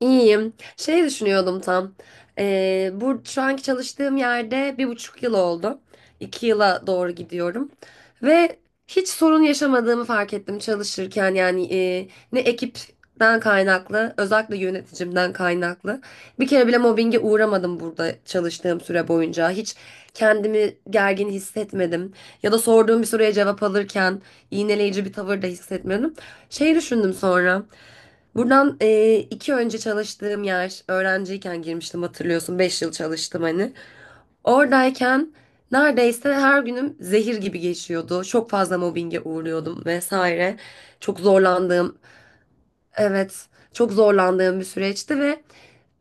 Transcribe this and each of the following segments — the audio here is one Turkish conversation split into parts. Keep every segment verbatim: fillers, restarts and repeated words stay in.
İyiyim. Şey düşünüyordum tam. Ee, bu şu anki çalıştığım yerde bir buçuk yıl oldu. İki yıla doğru gidiyorum. Ve hiç sorun yaşamadığımı fark ettim çalışırken. Yani e, ne ekipten kaynaklı, özellikle yöneticimden kaynaklı. Bir kere bile mobbinge uğramadım burada çalıştığım süre boyunca. Hiç kendimi gergin hissetmedim. Ya da sorduğum bir soruya cevap alırken iğneleyici bir tavır da hissetmedim. Şey düşündüm sonra. Buradan e, iki önce çalıştığım yer, öğrenciyken girmiştim, hatırlıyorsun. Beş yıl çalıştım hani. Oradayken neredeyse her günüm zehir gibi geçiyordu. Çok fazla mobbinge uğruyordum vesaire. Çok zorlandığım, evet, çok zorlandığım bir süreçti ve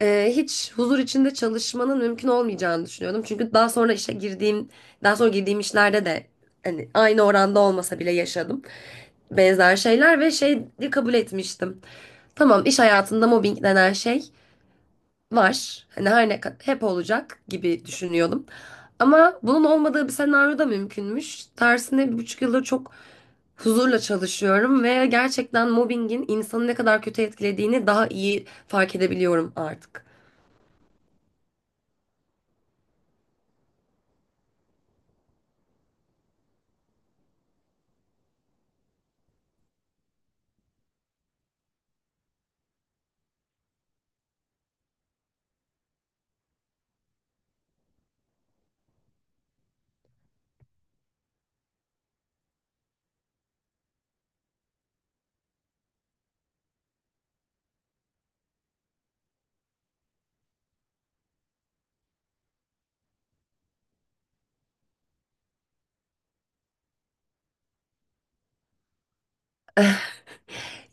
e, hiç huzur içinde çalışmanın mümkün olmayacağını düşünüyordum. Çünkü daha sonra işe girdiğim, daha sonra girdiğim işlerde de hani aynı oranda olmasa bile yaşadım benzer şeyler ve şeyi kabul etmiştim. Tamam, iş hayatında mobbing denen şey var. Hani her ne kadar hep olacak gibi düşünüyordum. Ama bunun olmadığı bir senaryo da mümkünmüş. Tersine bir buçuk yıldır çok huzurla çalışıyorum ve gerçekten mobbingin insanı ne kadar kötü etkilediğini daha iyi fark edebiliyorum artık.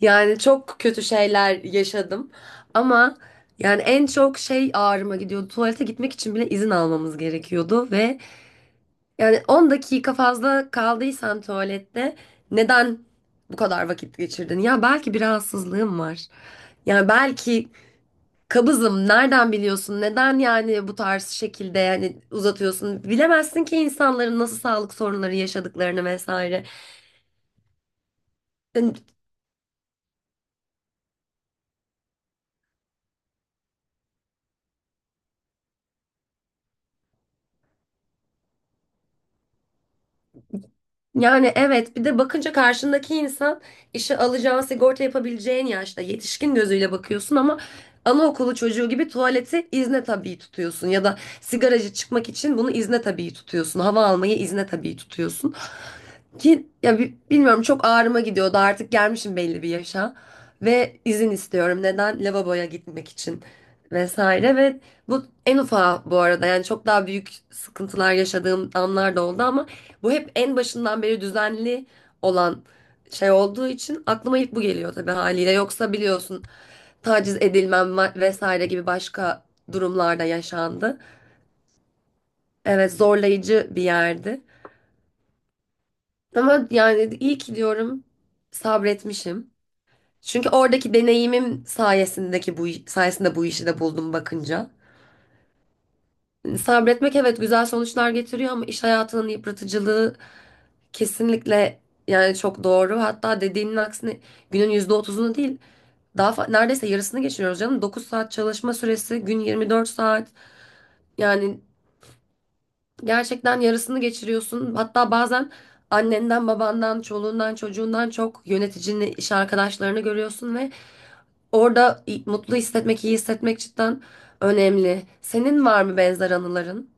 Yani çok kötü şeyler yaşadım, ama yani en çok şey ağrıma gidiyordu. Tuvalete gitmek için bile izin almamız gerekiyordu ve yani on dakika fazla kaldıysan tuvalette neden bu kadar vakit geçirdin? Ya belki bir rahatsızlığım var. Yani belki kabızım. Nereden biliyorsun? Neden yani bu tarz şekilde yani uzatıyorsun? Bilemezsin ki insanların nasıl sağlık sorunları yaşadıklarını vesaire. Yani Yani evet, bir de bakınca karşındaki insan işe alacağın, sigorta yapabileceğin yaşta yetişkin gözüyle bakıyorsun ama anaokulu çocuğu gibi tuvaleti izne tabii tutuyorsun ya da sigaracı çıkmak için bunu izne tabii tutuyorsun, hava almayı izne tabii tutuyorsun. Ki ya bi- bilmiyorum, çok ağrıma gidiyordu, artık gelmişim belli bir yaşa ve izin istiyorum neden lavaboya gitmek için vesaire. Ve bu en ufağı bu arada, yani çok daha büyük sıkıntılar yaşadığım anlar da oldu ama bu hep en başından beri düzenli olan şey olduğu için aklıma ilk bu geliyor, tabii haliyle, yoksa biliyorsun taciz edilmem va- vesaire gibi başka durumlarda yaşandı. Evet, zorlayıcı bir yerdi. Ama yani iyi ki diyorum, sabretmişim. Çünkü oradaki deneyimim sayesindeki bu sayesinde bu işi de buldum bakınca. Hani sabretmek, evet, güzel sonuçlar getiriyor ama iş hayatının yıpratıcılığı kesinlikle yani çok doğru. Hatta dediğinin aksine günün yüzde otuzunu değil, daha fa- neredeyse yarısını geçiriyoruz canım. Dokuz saat çalışma süresi, gün yirmi dört saat. Yani gerçekten yarısını geçiriyorsun. Hatta bazen annenden, babandan, çoluğundan, çocuğundan çok yöneticini, iş arkadaşlarını görüyorsun ve orada i- mutlu hissetmek, iyi hissetmek cidden önemli. Senin var mı benzer anıların?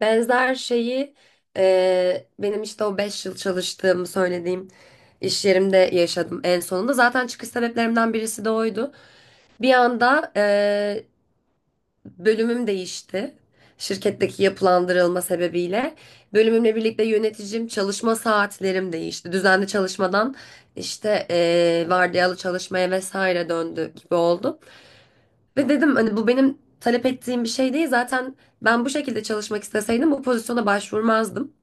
Benzer şeyi e, benim işte o beş yıl çalıştığımı söylediğim iş yerimde yaşadım en sonunda. Zaten çıkış sebeplerimden birisi de oydu. Bir anda bölümüm değişti. Şirketteki yapılandırılma sebebiyle. Bölümümle birlikte yöneticim, çalışma saatlerim değişti. Düzenli çalışmadan işte eee vardiyalı çalışmaya vesaire döndü gibi oldu. Ve dedim hani bu benim talep ettiğim bir şey değil. Zaten ben bu şekilde çalışmak isteseydim bu pozisyona başvurmazdım,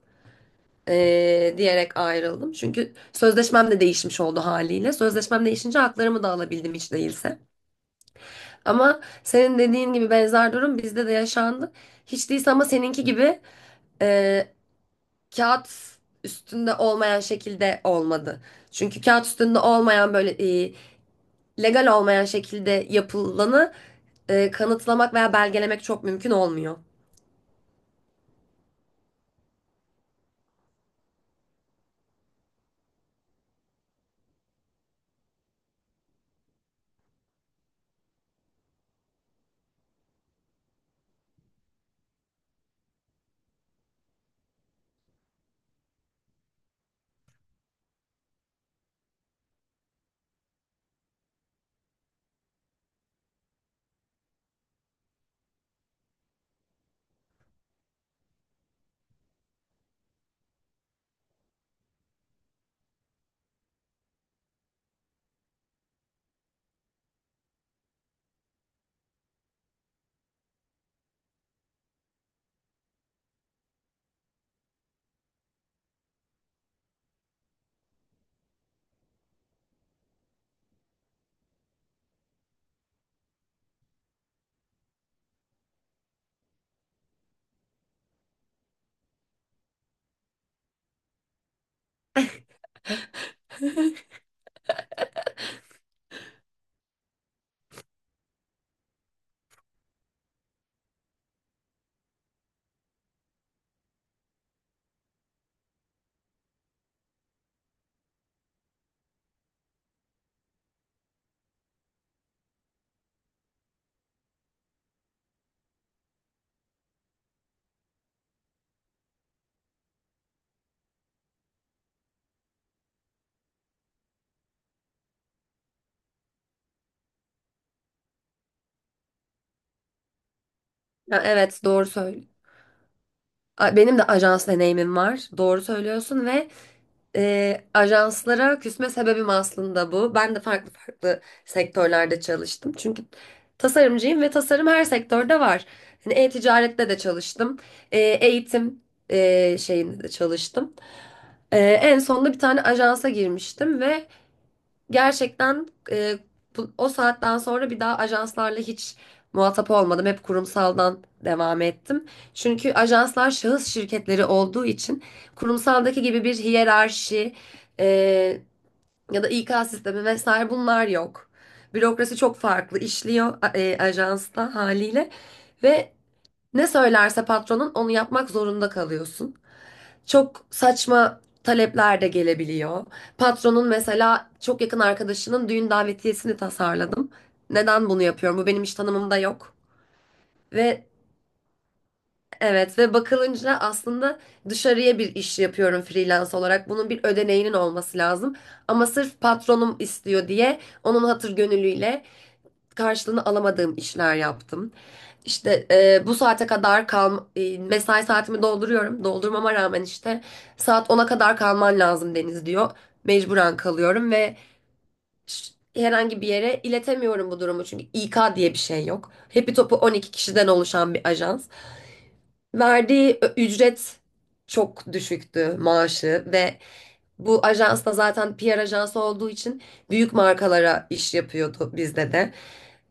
eee, diyerek ayrıldım. Çünkü sözleşmem de değişmiş oldu haliyle. Sözleşmem değişince haklarımı da alabildim hiç değilse. Ama senin dediğin gibi benzer durum bizde de yaşandı. Hiç değilse ama seninki gibi e, kağıt üstünde olmayan şekilde olmadı. Çünkü kağıt üstünde olmayan böyle e, legal olmayan şekilde yapılanı e, kanıtlamak veya belgelemek çok mümkün olmuyor. Ya evet, doğru söyle. Benim de ajans deneyimim var. Doğru söylüyorsun ve E, ajanslara küsme sebebim aslında bu. Ben de farklı farklı sektörlerde çalıştım. Çünkü tasarımcıyım ve tasarım her sektörde var. Hani e-ticarette de çalıştım. E, eğitim e, şeyinde de çalıştım. E, en sonunda bir tane ajansa girmiştim ve gerçekten e, bu- o saatten sonra bir daha ajanslarla hiç muhatap olmadım. Hep kurumsaldan devam ettim. Çünkü ajanslar şahıs şirketleri olduğu için kurumsaldaki gibi bir hiyerarşi e, ya da İK sistemi vesaire bunlar yok. Bürokrasi çok farklı işliyor a- e, ajansta haliyle ve ne söylerse patronun onu yapmak zorunda kalıyorsun. Çok saçma talepler de gelebiliyor. Patronun mesela çok yakın arkadaşının düğün davetiyesini tasarladım. Neden bunu yapıyorum? Bu benim iş tanımımda yok. Ve evet, ve bakılınca aslında dışarıya bir iş yapıyorum freelance olarak. Bunun bir ödeneğinin olması lazım. Ama sırf patronum istiyor diye onun hatır gönüllüyle karşılığını alamadığım işler yaptım. İşte e, bu saate kadar kal, e, mesai saatimi dolduruyorum. Doldurmama rağmen işte saat ona kadar kalman lazım Deniz diyor. Mecburen kalıyorum ve ş- herhangi bir yere iletemiyorum bu durumu, çünkü İK diye bir şey yok. Hepi topu on iki kişiden oluşan bir ajans. Verdiği ö- ücret çok düşüktü, maaşı, ve bu ajans da zaten P R ajansı olduğu için büyük markalara iş yapıyordu bizde de.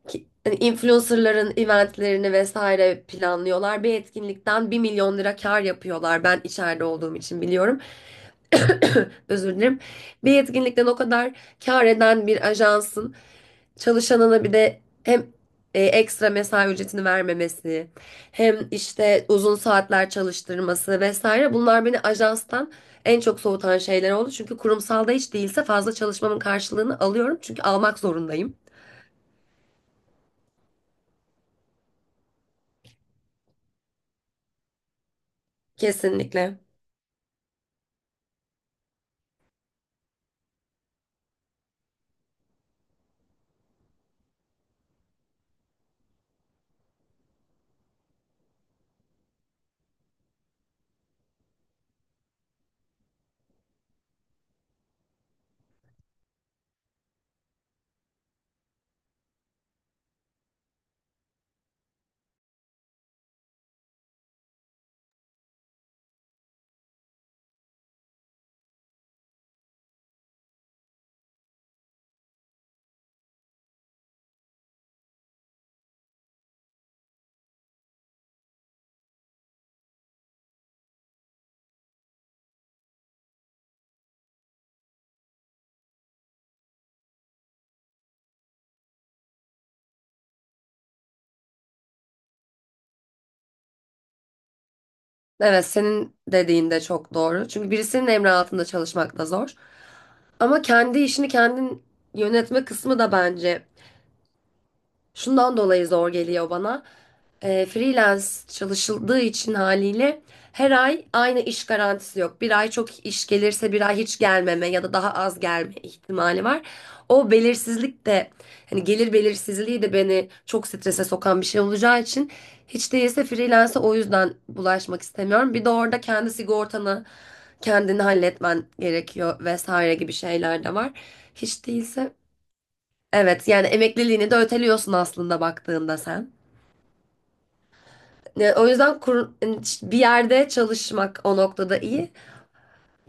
Ki- hani influencerların eventlerini vesaire planlıyorlar. Bir etkinlikten bir milyon lira kar yapıyorlar. Ben içeride olduğum için biliyorum. Özür dilerim. Bir etkinlikten o kadar kar eden bir ajansın çalışanına bir de hem e, ekstra mesai ücretini vermemesi, hem işte uzun saatler çalıştırması vesaire, bunlar beni ajanstan en çok soğutan şeyler oldu. Çünkü kurumsalda hiç değilse fazla çalışmamın karşılığını alıyorum. Çünkü almak zorundayım. Kesinlikle. Evet, senin dediğin de çok doğru. Çünkü birisinin emri altında çalışmak da zor. Ama kendi işini kendin yönetme kısmı da bence şundan dolayı zor geliyor bana. Ee, freelance çalışıldığı için haliyle her ay aynı iş garantisi yok. Bir ay çok iş gelirse bir ay hiç gelmeme ya da daha az gelme ihtimali var. O belirsizlik de, hani gelir belirsizliği de beni çok strese sokan bir şey olacağı için hiç değilse freelance'e o yüzden bulaşmak istemiyorum. Bir de orada kendi sigortanı kendini halletmen gerekiyor vesaire gibi şeyler de var. Hiç değilse evet, yani emekliliğini de öteliyorsun aslında baktığında sen. E, O yüzden kur- hani, bir yerde çalışmak o noktada iyi.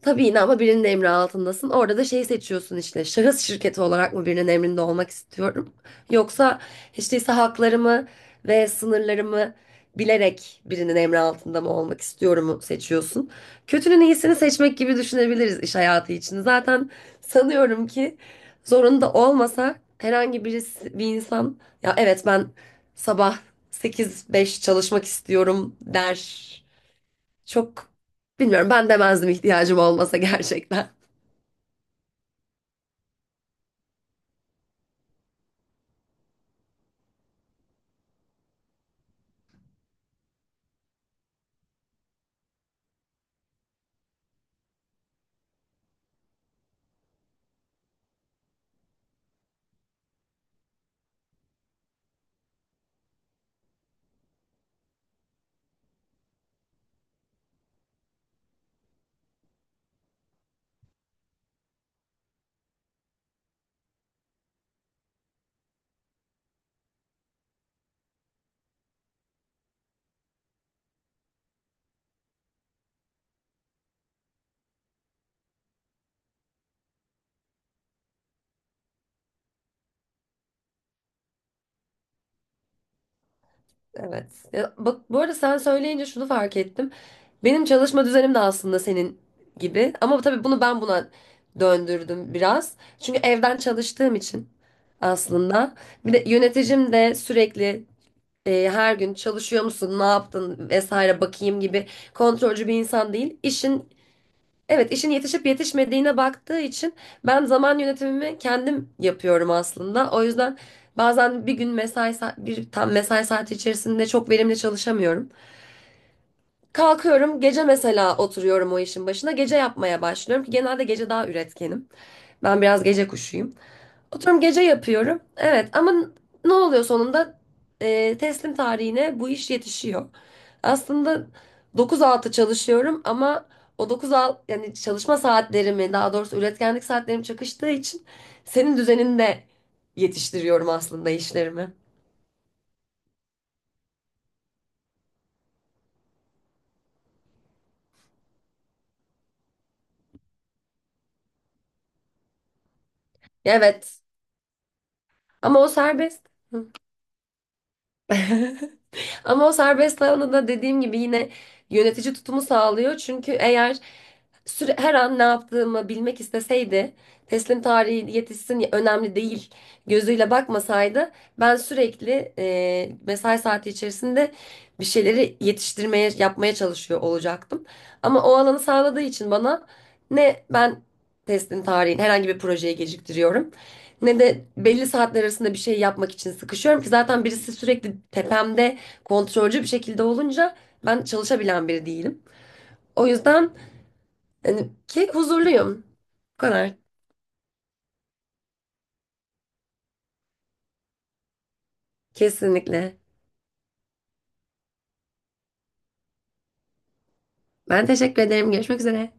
Tabii yine ama birinin emri altındasın. Orada da şey seçiyorsun, işte şahıs şirketi olarak mı birinin emrinde olmak istiyorum? Yoksa hiç değilse haklarımı ve sınırlarımı bilerek birinin emri altında mı olmak istiyorumu seçiyorsun. Kötünün iyisini seçmek gibi düşünebiliriz iş hayatı için. Zaten sanıyorum ki zorunda olmasa herhangi birisi, bir insan, ya evet ben sabah sekiz beş çalışmak istiyorum, der. Çok bilmiyorum, ben demezdim ihtiyacım olmasa gerçekten. Evet. Ya bak, bu arada sen söyleyince şunu fark ettim. Benim çalışma düzenim de aslında senin gibi ama tabii bunu ben buna döndürdüm biraz. Çünkü evden çalıştığım için aslında. Bir de yöneticim de sürekli e, her gün çalışıyor musun, ne yaptın vesaire bakayım gibi kontrolcü bir insan değil. İşin Evet, işin yetişip yetişmediğine baktığı için ben zaman yönetimimi kendim yapıyorum aslında. O yüzden bazen bir gün mesai sa- bir tam mesai saati içerisinde çok verimli çalışamıyorum. Kalkıyorum, gece mesela oturuyorum o işin başına. Gece yapmaya başlıyorum ki genelde gece daha üretkenim. Ben biraz gece kuşuyum. Oturum gece yapıyorum. Evet ama ne oluyor sonunda? Ee, teslim tarihine bu iş yetişiyor. Aslında dokuz altı çalışıyorum ama o dokuz altı, yani çalışma saatlerimi, daha doğrusu üretkenlik saatlerim çakıştığı için senin düzeninde yetiştiriyorum aslında işlerimi. Evet ama o serbest. Hı. Ama o serbest alanda da dediğim gibi yine yönetici tutumu sağlıyor. Çünkü eğer süre, her an ne yaptığımı bilmek isteseydi, teslim tarihi yetişsin önemli değil gözüyle bakmasaydı, ben sürekli e, mesai saati içerisinde bir şeyleri yetiştirmeye, yapmaya çalışıyor olacaktım. Ama o alanı sağladığı için bana, ne ben teslim tarihini herhangi bir projeyi geciktiriyorum, ne de belli saatler arasında bir şey yapmak için sıkışıyorum, ki zaten birisi sürekli tepemde kontrolcü bir şekilde olunca ben çalışabilen biri değilim. O yüzden hani, ki huzurluyum. Bu kadar. Kesinlikle. Ben teşekkür ederim. Görüşmek üzere.